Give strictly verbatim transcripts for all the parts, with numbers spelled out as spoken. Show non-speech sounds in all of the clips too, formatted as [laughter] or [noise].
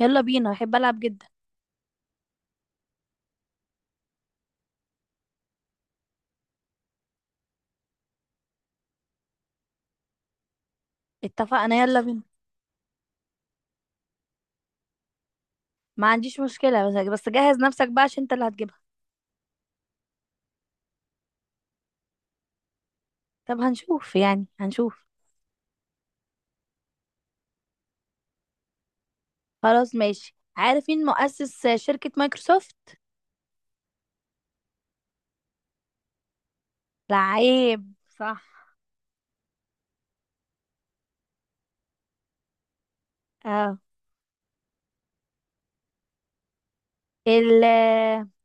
يلا بينا، احب العب جدا. اتفقنا، يلا بينا. ما عنديش مشكلة، بس بس جهز نفسك بقى عشان انت اللي هتجيبها. طب هنشوف، يعني هنشوف. خلاص ماشي، عارفين مؤسس شركة مايكروسوفت؟ لعيب، صح. اه. ال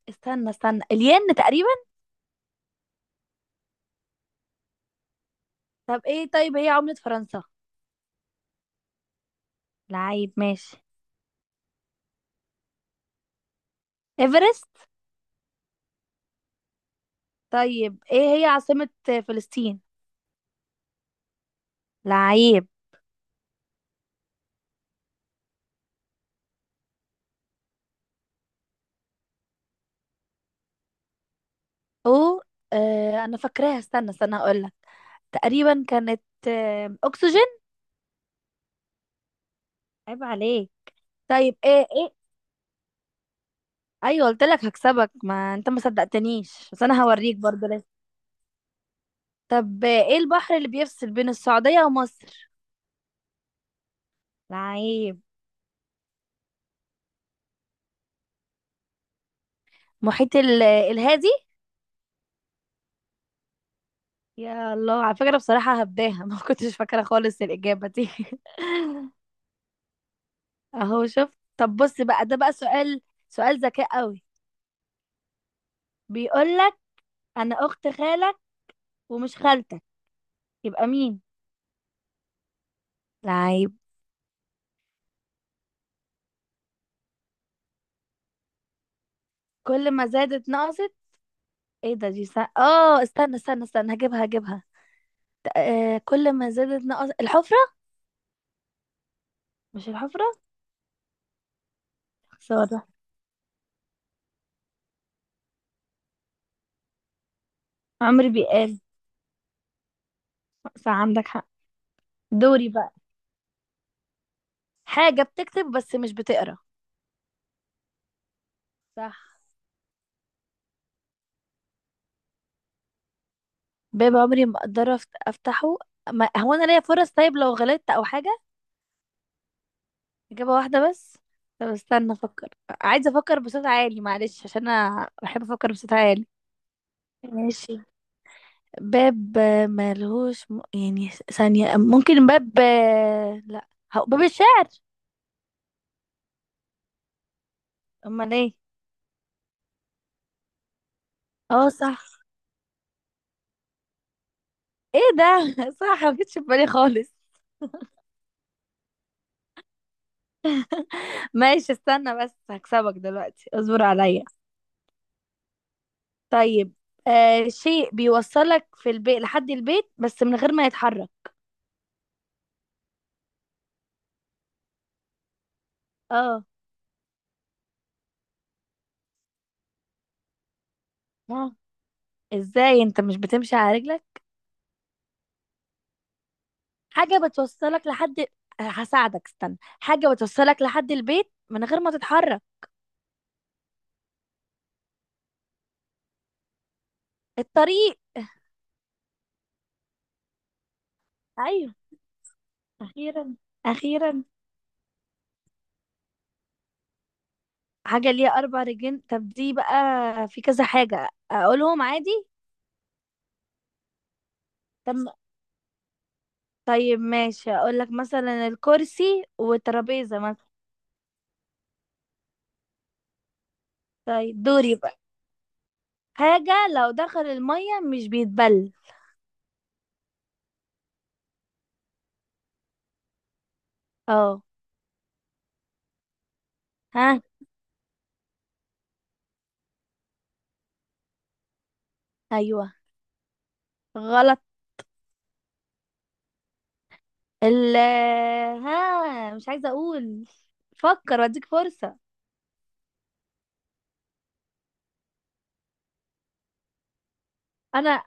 استنى استنى، الين تقريبا. طب ايه، طيب هي عملة فرنسا؟ لعيب ماشي. ايفرست. طيب ايه هي عاصمة فلسطين؟ لعيب. او، آه انا فاكراها، استنى استنى هقولك. تقريبا كانت، آه اكسجين. عيب عليك. طيب ايه ايه؟ ايوه قلت لك هكسبك، ما انت ما صدقتنيش، بس انا هوريك برضه ليه. طب ايه البحر اللي بيفصل بين السعودية ومصر؟ لعيب. محيط ال- الهادي يا الله، على فكرة بصراحة هبداها، [laughs] ما كنتش فاكرة خالص الإجابة دي. [laughs] اهو شفت، طب بص بقى، ده بقى سؤال، سؤال ذكاء قوي. بيقول لك، انا اخت خالك ومش خالتك، يبقى مين؟ لعيب. كل ما زادت نقصت. ايه ده؟ دي سا... اه استنى استنى استنى، هجيبها هجيبها. آه، كل ما زادت نقص الحفرة. مش الحفرة، خسارة. عمرو بيقال. صح، عندك حق. دوري بقى. حاجة بتكتب بس مش بتقرا. صح. باب عمري ما اقدر أفت- افتحه ما هو انا ليا فرص، طيب لو غلطت او حاجة؟ اجابة واحدة بس؟ طب استنى افكر. عايزة افكر بصوت عالي، معلش عشان انا بحب افكر بصوت عالي. ماشي. باب آه، ملهوش م... يعني ثانية ممكن، باب آه، لا. هو- باب الشعر. امال ايه؟ اه صح. ايه ده؟ [laughs] صح، ما جتش في بالي خالص. ماشي استنى بس، هكسبك دلوقتي، اصبر عليا. طيب آه، شيء بيوصلك في البيت، لحد البيت بس من غير ما يتحرك. اه. اه، ازاي؟ انت مش بتمشي على رجلك؟ حاجة بتوصلك لحد آه، هساعدك استنى، حاجة بتوصلك لحد البيت من غير ما تتحرك. الطريق. ايوه. اخيرا، اخيرا. حاجة ليها اربع رجلين، طب دي بقى في كذا حاجة اقولهم عادي. طب، طيب ماشي، اقول لك مثلا الكرسي والترابيزة مثلا. طيب دوري بقى. حاجة لو دخل المية مش بيتبل. اه. ها. ايوه. غلط. ال ها، مش عايزة اقول. فكر واديك فرصة. انا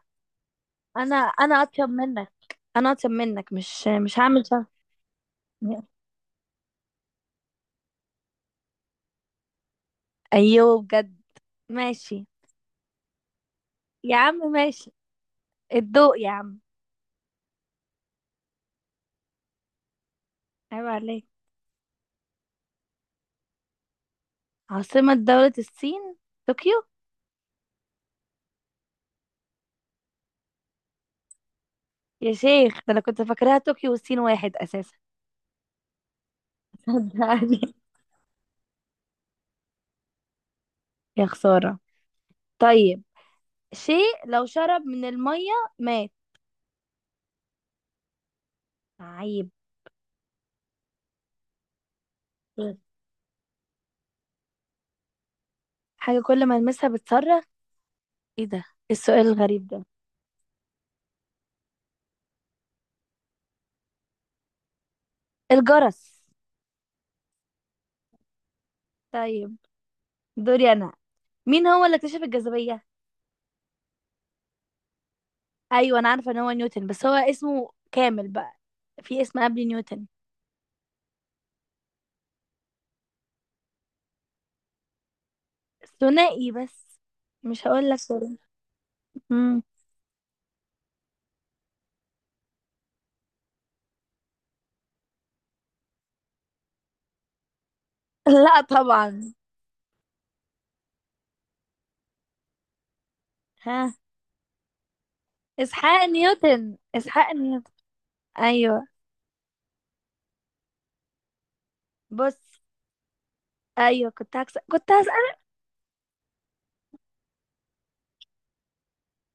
انا انا اطيب منك، انا اطيب منك، مش مش هعمل شر. ايوه بجد. ماشي يا عم، ماشي. الضوء يا عم. عيب عليك. عاصمة دولة الصين، طوكيو. يا شيخ، ده انا كنت فاكراها طوكيو، والصين واحد اساسا. [laughs] صدقني. يا خسارة. طيب، شيء لو شرب من المية مات. عيب. حاجة كل ما المسها بتصرخ. ايه ده إيه السؤال الغريب ده؟ الجرس. طيب دوري انا. مين هو اللي اكتشف الجاذبية؟ ايوه انا عارفة ان هو نيوتن، بس هو اسمه كامل بقى؟ في اسم قبل نيوتن. ثنائي بس. مش هقول لك، سوري. مم. [laughs] لا طبعا. ها، اسحاق نيوتن، اسحاق نيوتن. ايوه. بص، ايوه كنت هكس... كنت هسألك.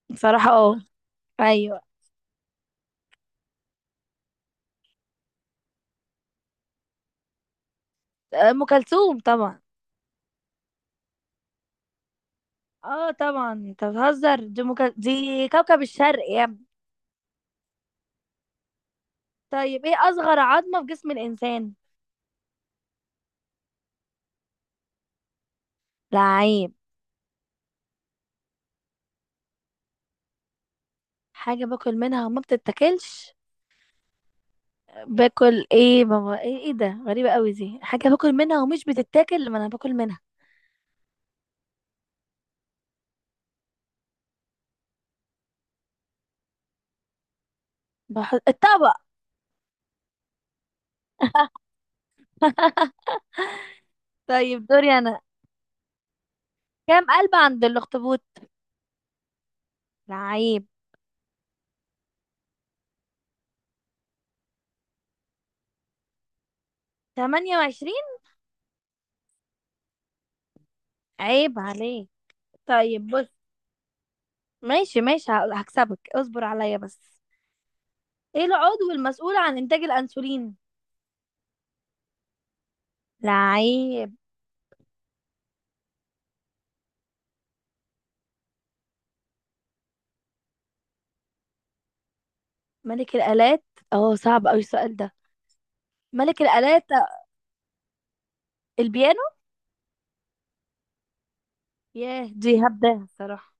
بصراحة اه. ايوه. آه، ام كلثوم طبعا. اه طبعا، انت بتهزر، دي, مك... دي كوكب الشرق يا ابني. طيب ايه اصغر عظمة في جسم الانسان؟ لعيب. حاجة باكل منها وما بتتاكلش؟ باكل ايه بابا؟ ايه ايه ده؟ غريبة قوي دي، حاجة باكل منها ومش بتتاكل لما انا باكل منها؟ بحط الطبق. [laughs] طيب دوري انا. كام قلب عند الاخطبوط؟ لعيب. تمانية وعشرين. عيب عليك. طيب بص، ماشي ماشي، ه- هكسبك، اصبر عليا بس. ايه العضو المسؤول عن انتاج الانسولين؟ لعيب. ملك الالات. اه، صعب اوي السؤال ده. ملك الالات، البيانو. ياه، دي هبداها الصراحه.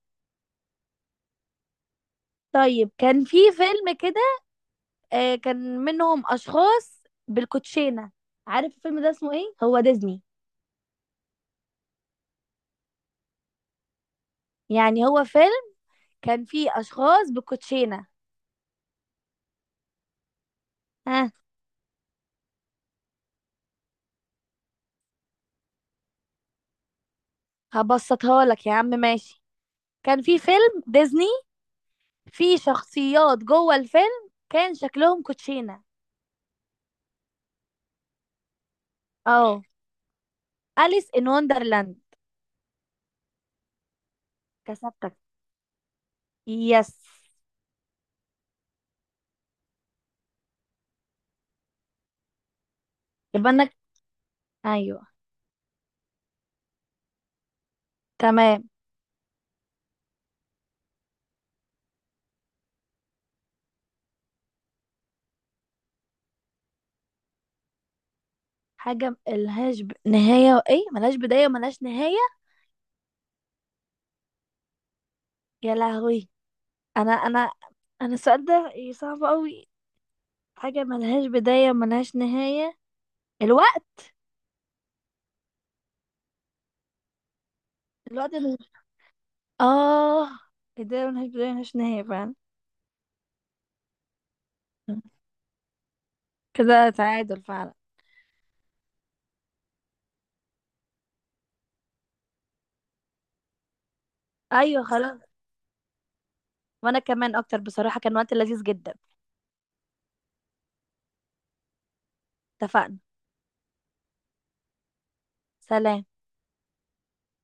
طيب كان في فيلم كده، آه كان منهم اشخاص بالكوتشينه. عارف الفيلم ده اسمه ايه؟ هو ديزني. يعني هو فيلم كان فيه اشخاص بالكوتشينه. ها. هبسطها لك يا عم، ماشي. كان في فيلم ديزني، في شخصيات جوه الفيلم كان شكلهم كوتشينة. اه. أليس إن وندرلاند. كسبتك، يس. يبقى انك، ايوه. تمام. حاجة ملهاش ب... نهاية وايه ملهاش بداية وملهاش نهاية. يا لهوي. انا انا انا السؤال ده إيه، صعب قوي. حاجة ملهاش بداية وملهاش نهاية، الوقت. الوقت اللي... اه، بداية ملهاش بداية ملهاش نهاية فعلا. كده تعادل فعلا. ايوه خلاص. وانا كمان اكتر، بصراحة كان وقت لذيذ جدا. اتفقنا. سلام.